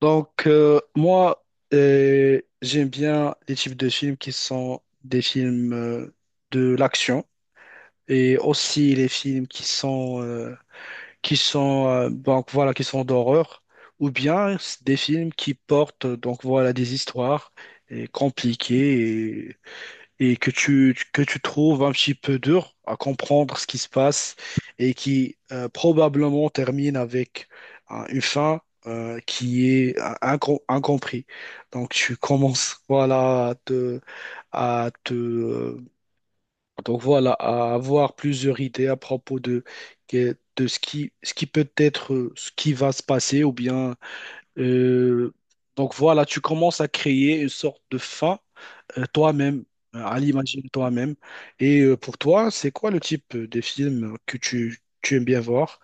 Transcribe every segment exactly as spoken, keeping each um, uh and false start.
Donc, euh, moi, euh, j'aime bien les types de films qui sont des films euh, de l'action et aussi les films qui sont, euh, qui sont, euh, donc, voilà, qui sont d'horreur, ou bien des films qui portent, donc, voilà, des histoires euh, compliquées et que tu, que tu trouves un petit peu dur à comprendre ce qui se passe, et qui euh, probablement termine avec euh, une fin euh, qui est euh, incom- incompris. Donc tu commences, voilà, à te, à te euh, donc voilà, à avoir plusieurs idées à propos de que- de ce qui ce qui peut être, euh, ce qui va se passer, ou bien euh, donc voilà, tu commences à créer une sorte de fin euh, toi-même, euh, à l'imaginer toi-même. Et euh, pour toi, c'est quoi le type euh, des films que tu, tu aimes bien voir?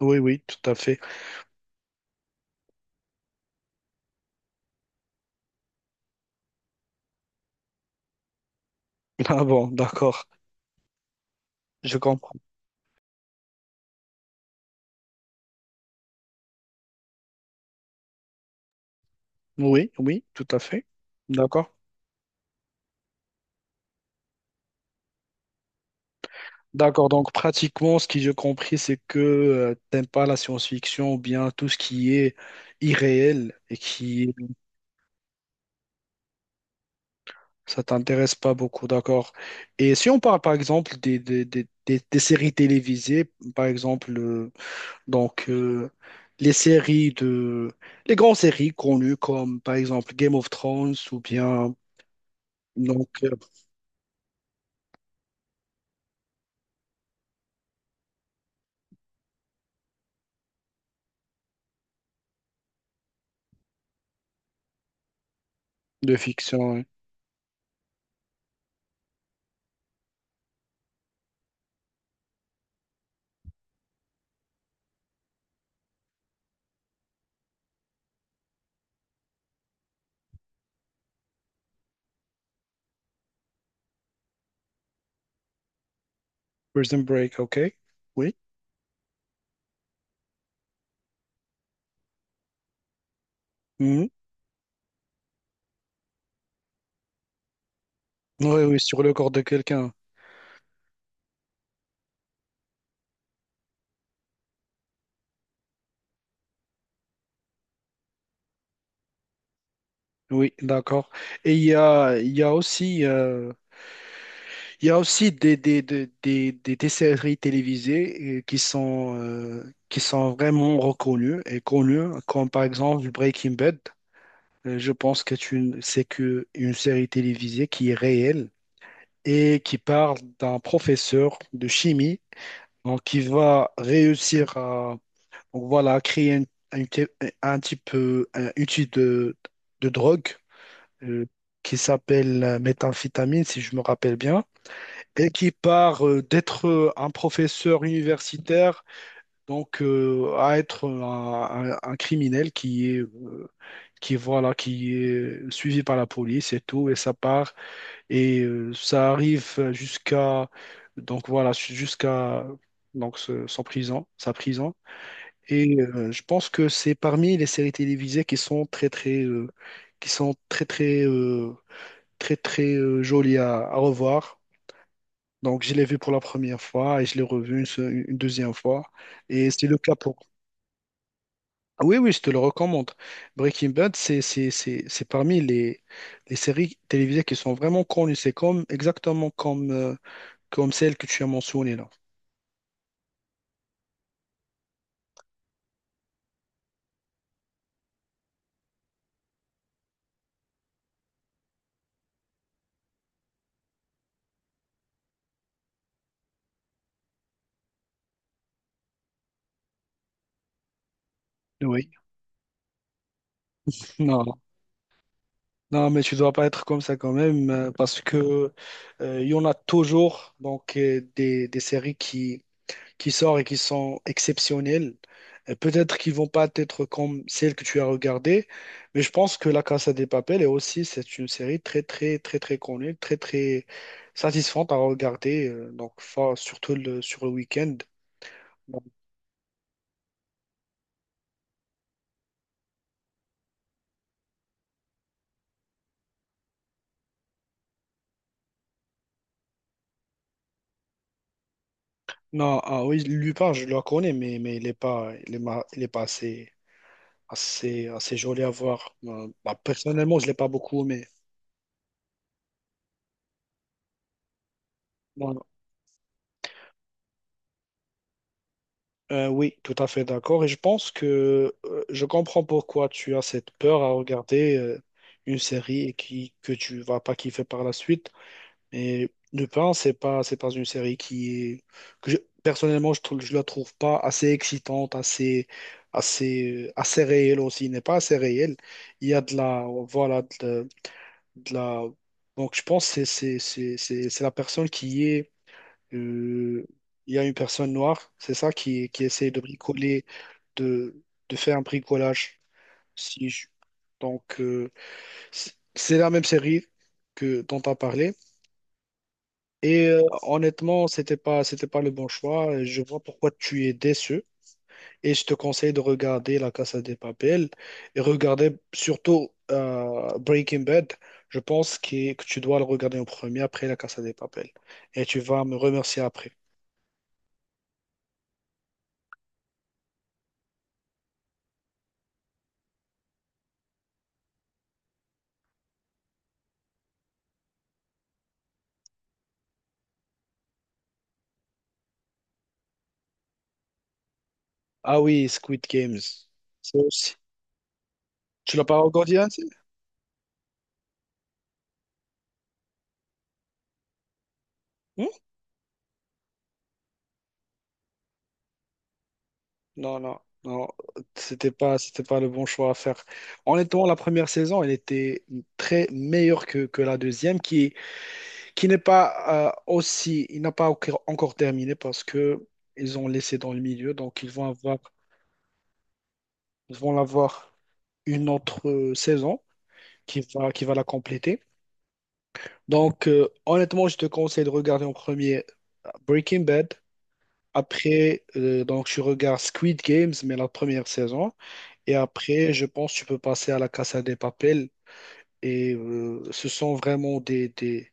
Oui, oui, tout à fait. Ah bon, d'accord, je comprends. Oui, oui, tout à fait. D'accord. D'accord, donc pratiquement, ce que j'ai compris, c'est que tu t'aimes pas la science-fiction, ou bien tout ce qui est irréel et qui, ça t'intéresse pas beaucoup, d'accord. Et si on parle par exemple des, des, des, des- des séries télévisées, par exemple, euh, Donc, euh, les séries de, les grandes séries connues comme par exemple Game of Thrones, ou bien donc euh, de fiction, hein. Prison Break, ok? Oui. Mhm. Oui, oui, sur le corps de quelqu'un. Oui, d'accord. Et il y a, il y a aussi, euh, il y a aussi des, des, des, des, des- des séries télévisées euh, qui sont, euh, qui sont vraiment reconnues et connues, comme par exemple Breaking Bad. Euh, Je pense que c'est une, c'est que une série télévisée qui est réelle et qui parle d'un professeur de chimie, donc, qui va réussir à, donc, voilà, à créer un, un t- un type, euh, un outil de, de drogue, euh, qui s'appelle euh, méthamphétamine, si je me rappelle bien, et qui part euh, d'être euh, un professeur universitaire, donc euh, à être un, un- un criminel qui est euh, qui, voilà, qui est suivi par la police et tout, et ça part et euh, ça arrive jusqu'à, donc voilà, jusqu'à, donc ce- son prison, sa prison. Et euh, je pense que c'est parmi les séries télévisées qui sont très très euh, qui sont très très euh, très très euh, jolies à, à revoir. Donc je l'ai vu pour la première fois et je l'ai revu une, se- une deuxième fois. Et c'est le cas pour. Ah oui, oui, je te le recommande. Breaking Bad, c'est c'est- c'est- c'est parmi les, les séries télévisées qui sont vraiment connues. C'est comme exactement comme comme celle que tu as mentionnée là. Oui, non, non, mais tu dois pas être comme ça quand même, euh, parce que euh, il y en a toujours, donc euh, des, des séries qui, qui sortent et qui sont exceptionnelles. Et peut-être qu'ils vont pas être comme celles que tu as regardées, mais je pense que La Casa de Papel est aussi, c'est une série très, très, très, très connue, très, très satisfaisante à regarder, euh, donc fort- surtout le, sur le week-end. Donc, non, ah oui, Lupin, je le connais, mais, mais il n'est pas, il est ma- il est pas assez, assez, assez joli à voir. Euh, bah, personnellement, je ne l'ai pas beaucoup aimé. Euh, oui, tout à fait d'accord. Et je pense que euh, je comprends pourquoi tu as cette peur à regarder euh, une série et qui, que tu vas pas kiffer par la suite. Mais Lupin, c'est pas, c'est pas une série qui est, que je- personnellement, je trouve, je la trouve pas assez excitante, assez, assez, euh, assez réelle aussi. Il n'est pas assez réelle. Il y a de la, voilà, de, de la. Donc, je pense que c'est, c'est, c'est, c'est c'est la personne qui est. euh, il y a une personne noire, c'est ça, qui, qui essaie de bricoler, de, de faire un bricolage. Si je- Donc, euh, c- c'est la même série que dont tu as parlé. Et euh, honnêtement, c'était pas, c'était pas le bon choix. Je vois pourquoi tu es déçu. Et je te conseille de regarder La Casa de Papel et regarder surtout euh, Breaking Bad. Je pense que, que tu dois le regarder en premier après La Casa de Papel. Et tu vas me remercier après. Ah oui, Squid Games. C'est aussi. Tu l'as pas regardé, hein? Hmm. Non, non, non, c'était pas, c'était pas le bon choix à faire. Honnêtement, la première saison, elle était très meilleure que, que la deuxième, qui, qui n'est pas euh, aussi, il n'a pas encore encore terminé parce que ils ont laissé dans le milieu, donc ils vont avoir, ils vont avoir une autre euh, saison qui va, qui va la compléter. Donc, euh, honnêtement, je te conseille de regarder en premier Breaking Bad. Après, euh, donc tu regardes Squid Games, mais la première saison. Et après, je pense que tu peux passer à la Casa des Papel. Et euh, ce sont vraiment des, des,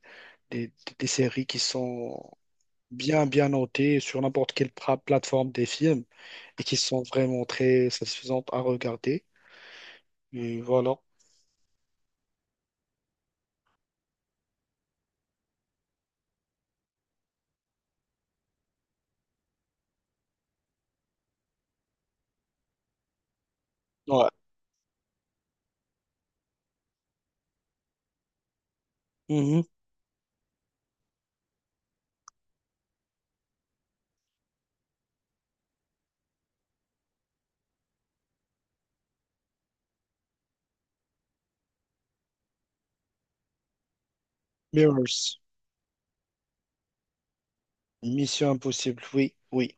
des, des séries qui sont bien, bien notées sur n'importe quelle pra- plateforme des films et qui sont vraiment très satisfaisantes à regarder. Et voilà. Ouais. Mhm. Mirrors. Mission Impossible. Oui, oui,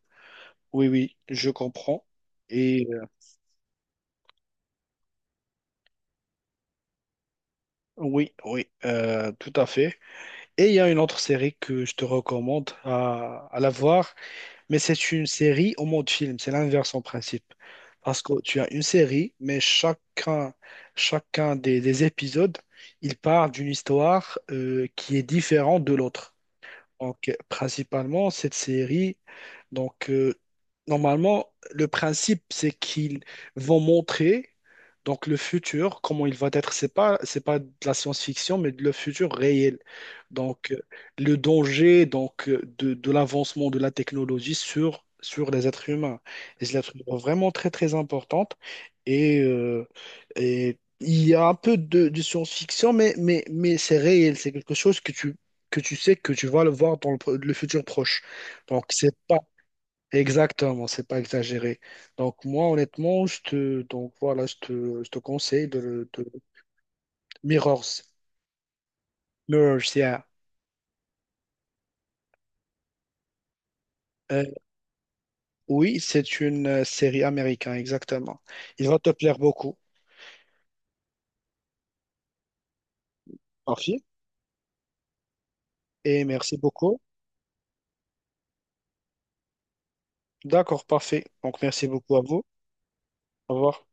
oui, oui, je comprends. Et euh, oui, oui, euh, tout à fait. Et il y a une autre série que je te recommande à, à la voir. Mais c'est une série au mode film, c'est l'inverse en principe. Parce que tu as une série, mais chacun, chacun des, des épisodes, il part d'une histoire euh, qui est différente de l'autre. Donc, principalement, cette série, donc, euh, normalement, le principe, c'est qu'ils vont montrer, donc, le futur, comment il va être. C'est pas, c'est pas de la science-fiction, mais de le futur réel. Donc, euh, le danger, donc, euh, de, de l'avancement de la technologie sur, sur les êtres humains. Les êtres humains sont vraiment très, très importante. Et, euh, et il y a un peu de, de science-fiction, mais, mais, mais c'est réel. C'est quelque chose que tu, que tu sais que tu vas le voir dans le, pro- le futur proche. Donc, c'est pas exactement, c'est pas exagéré. Donc, moi, honnêtement, je te, donc, voilà, je te, je te conseille de, de- Mirrors. Mirrors, yeah. Euh, oui, c'est une euh, série américaine, exactement. Il va te plaire beaucoup. Parfait. Et merci beaucoup. D'accord, parfait. Donc, merci beaucoup à vous. Au revoir.